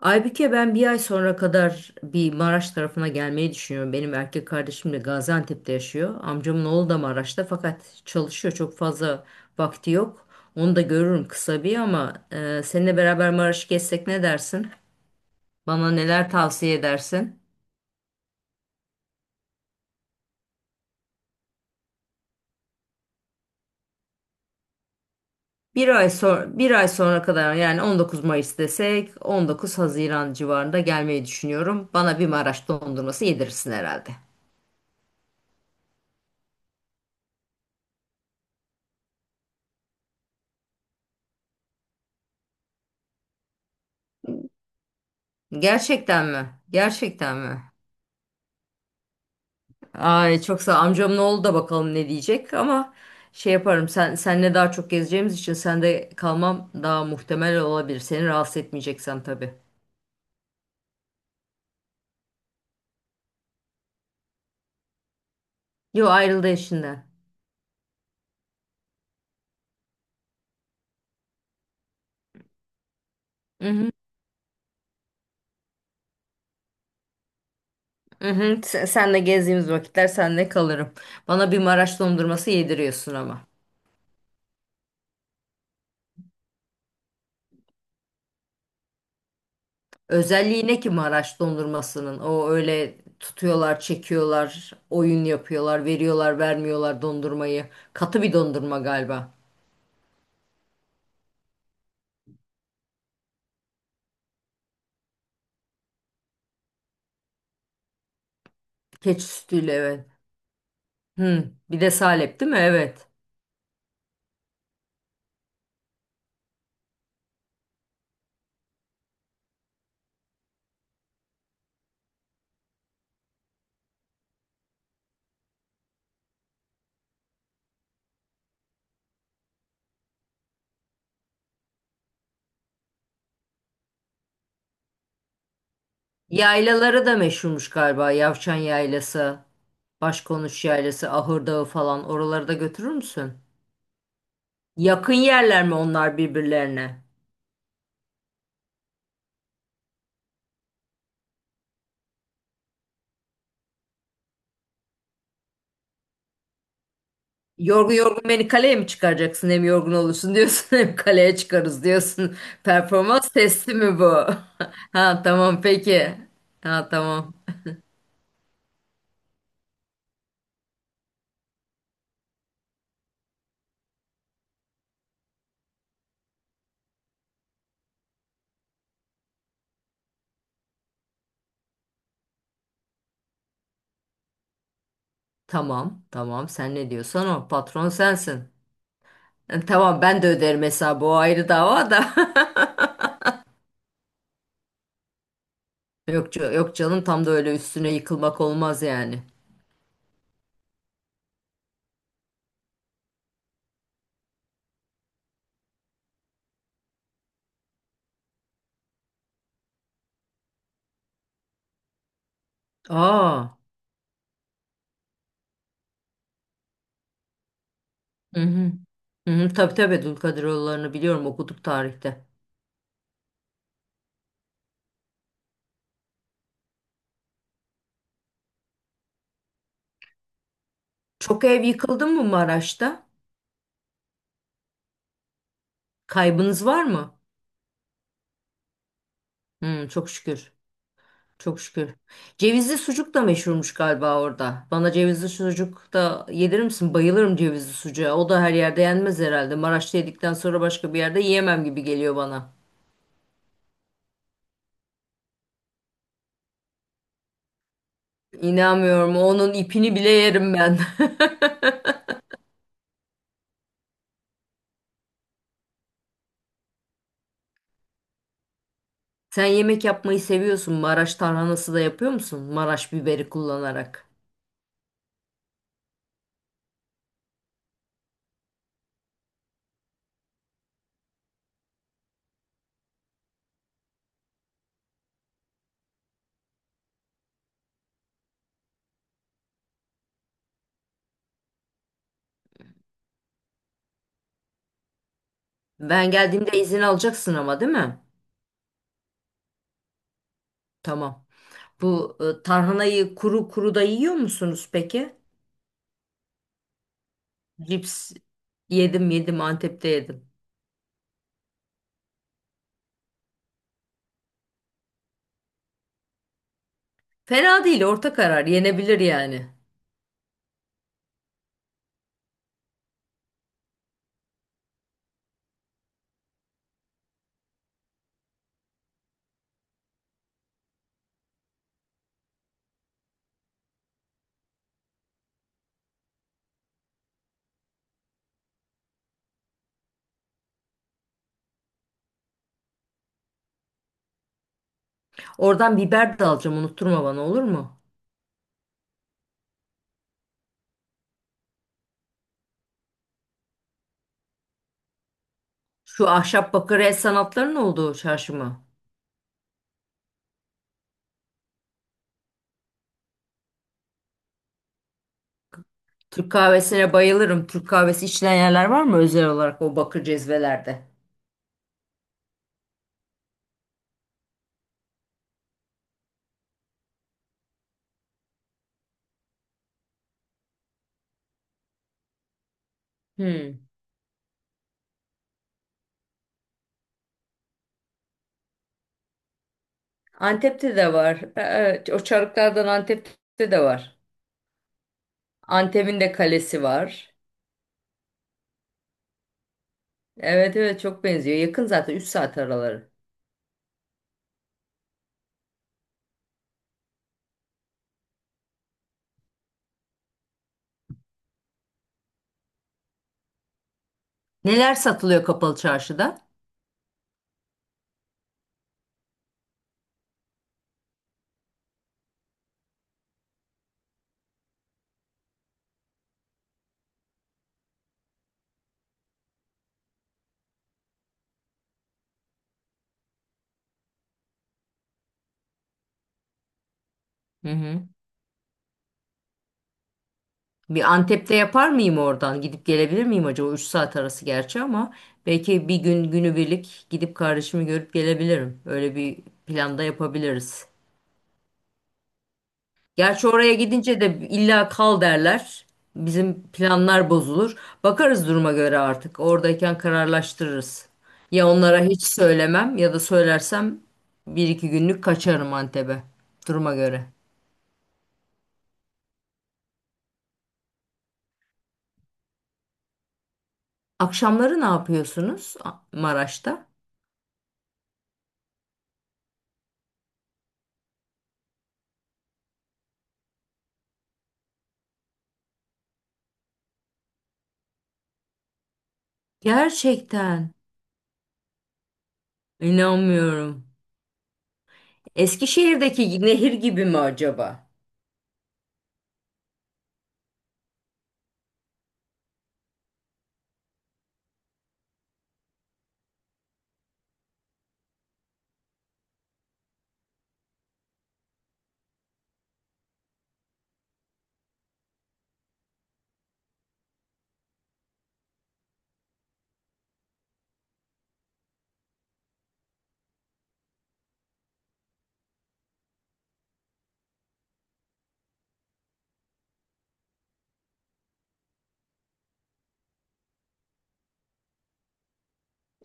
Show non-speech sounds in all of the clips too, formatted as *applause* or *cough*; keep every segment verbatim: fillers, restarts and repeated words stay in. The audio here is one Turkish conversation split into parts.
Aybüke ben bir ay sonra kadar bir Maraş tarafına gelmeyi düşünüyorum. Benim erkek kardeşim de Gaziantep'te yaşıyor. Amcamın oğlu da Maraş'ta fakat çalışıyor. Çok fazla vakti yok. Onu da görürüm kısa bir ama e, seninle beraber Maraş'ı gezsek ne dersin? Bana neler tavsiye edersin? Bir ay sonra bir ay sonra kadar yani on dokuz Mayıs desek on dokuz Haziran civarında gelmeyi düşünüyorum. Bana bir Maraş dondurması yedirirsin herhalde. Gerçekten mi? Gerçekten mi? Ay çok sağ amcamın oğlu da bakalım ne diyecek ama şey yaparım sen senle daha çok gezeceğimiz için sende kalmam daha muhtemel olabilir. Seni rahatsız etmeyeceksem tabii. Yo, ayrıldı eşinden. Hı hı. Hı hı. Sen, senle gezdiğimiz vakitler senle kalırım. Bana bir Maraş dondurması yediriyorsun ama. Özelliği ne ki Maraş dondurmasının? O öyle tutuyorlar, çekiyorlar, oyun yapıyorlar, veriyorlar, vermiyorlar dondurmayı. Katı bir dondurma galiba. Keçi sütüyle evet. Hı, bir de salep değil mi? Evet. Yaylaları da meşhurmuş galiba. Yavşan Yaylası, Başkonuş Yaylası, Ahır Dağı falan. Oraları da götürür müsün? Yakın yerler mi onlar birbirlerine? Yorgun yorgun beni kaleye mi çıkaracaksın? Hem yorgun olursun diyorsun *laughs* hem kaleye çıkarız diyorsun. Performans testi mi bu? *laughs* Ha, tamam peki. Ha, tamam. Tamam tamam, sen ne diyorsan, o patron sensin. E, Tamam, ben de öderim hesabı, o ayrı dava da. *laughs* Yok, ca- yok canım, tam da öyle üstüne yıkılmak olmaz yani. Aa. Hı hı. Hı hı, tabii tabii, Dulkadiroğulları'nı biliyorum, okuduk tarihte. Çok ev yıkıldı mı Maraş'ta? Kaybınız var mı? Hı, çok şükür. Çok şükür. Cevizli sucuk da meşhurmuş galiba orada. Bana cevizli sucuk da yedirir misin? Bayılırım cevizli sucuğa. O da her yerde yenmez herhalde. Maraş'ta yedikten sonra başka bir yerde yiyemem gibi geliyor bana. İnanmıyorum. Onun ipini bile yerim ben. *laughs* Sen yemek yapmayı seviyorsun. Maraş tarhanası da yapıyor musun? Maraş biberi kullanarak. Ben geldiğimde izin alacaksın ama değil mi? Tamam. Bu e, tarhanayı kuru kuru da yiyor musunuz peki? Cips yedim, yedim Antep'te yedim. Fena değil, orta karar yenebilir yani. Oradan biber de alacağım, unutturma bana, olur mu? Şu ahşap bakır el sanatlarının olduğu çarşı mı? Türk kahvesine bayılırım. Türk kahvesi içilen yerler var mı özel olarak o bakır cezvelerde? Hmm. Antep'te de var. Evet, o çarıklardan Antep'te de var. Antep'in de kalesi var. Evet evet, çok benziyor. Yakın zaten, üç saat araları. Neler satılıyor kapalı çarşıda? Hı hı. Bir Antep'te yapar mıyım oradan? Gidip gelebilir miyim acaba? Üç saat arası gerçi ama belki bir gün günübirlik gidip kardeşimi görüp gelebilirim. Öyle bir planda yapabiliriz. Gerçi oraya gidince de illa kal derler. Bizim planlar bozulur. Bakarız duruma göre artık. Oradayken kararlaştırırız. Ya onlara hiç söylemem ya da söylersem bir iki günlük kaçarım Antep'e. Duruma göre. Akşamları ne yapıyorsunuz A- Maraş'ta? Gerçekten inanmıyorum. Eskişehir'deki nehir gibi mi acaba?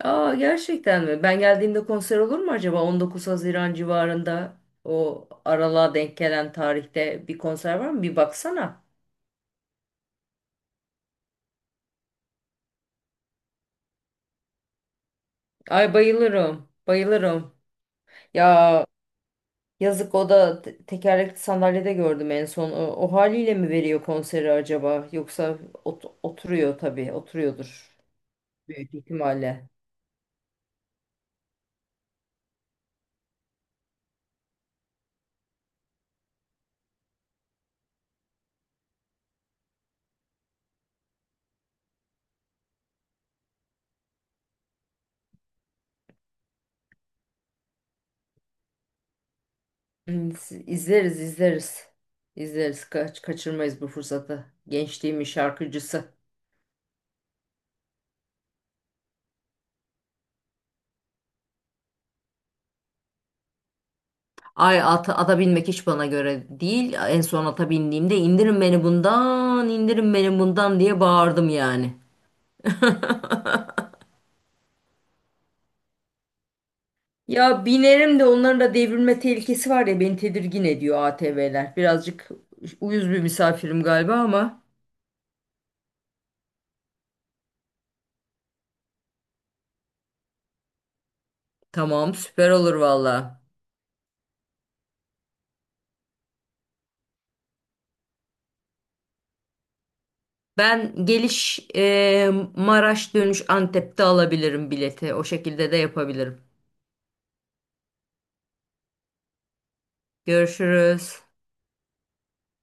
Aa, gerçekten mi? Ben geldiğimde konser olur mu acaba? on dokuz Haziran civarında o aralığa denk gelen tarihte bir konser var mı? Bir baksana. Ay, bayılırım. Bayılırım. Ya yazık, o da te- tekerlekli sandalyede gördüm en son. O, o haliyle mi veriyor konseri acaba? Yoksa ot- oturuyor tabii. Oturuyordur büyük ihtimalle. Hmm, s- İzleriz izleriz. İzleriz. Kaç kaçırmayız bu fırsatı. Gençliğimin şarkıcısı. Ay, ata, ata binmek hiç bana göre değil. En son ata bindiğimde "indirin beni bundan, indirin beni bundan" diye bağırdım yani. Ya binerim de, onların da devrilme tehlikesi var ya, beni tedirgin ediyor A T V'ler. Birazcık uyuz bir misafirim galiba ama tamam, süper olur valla. Ben geliş e, Maraş, dönüş Antep'te alabilirim bileti. O şekilde de yapabilirim. Görüşürüz.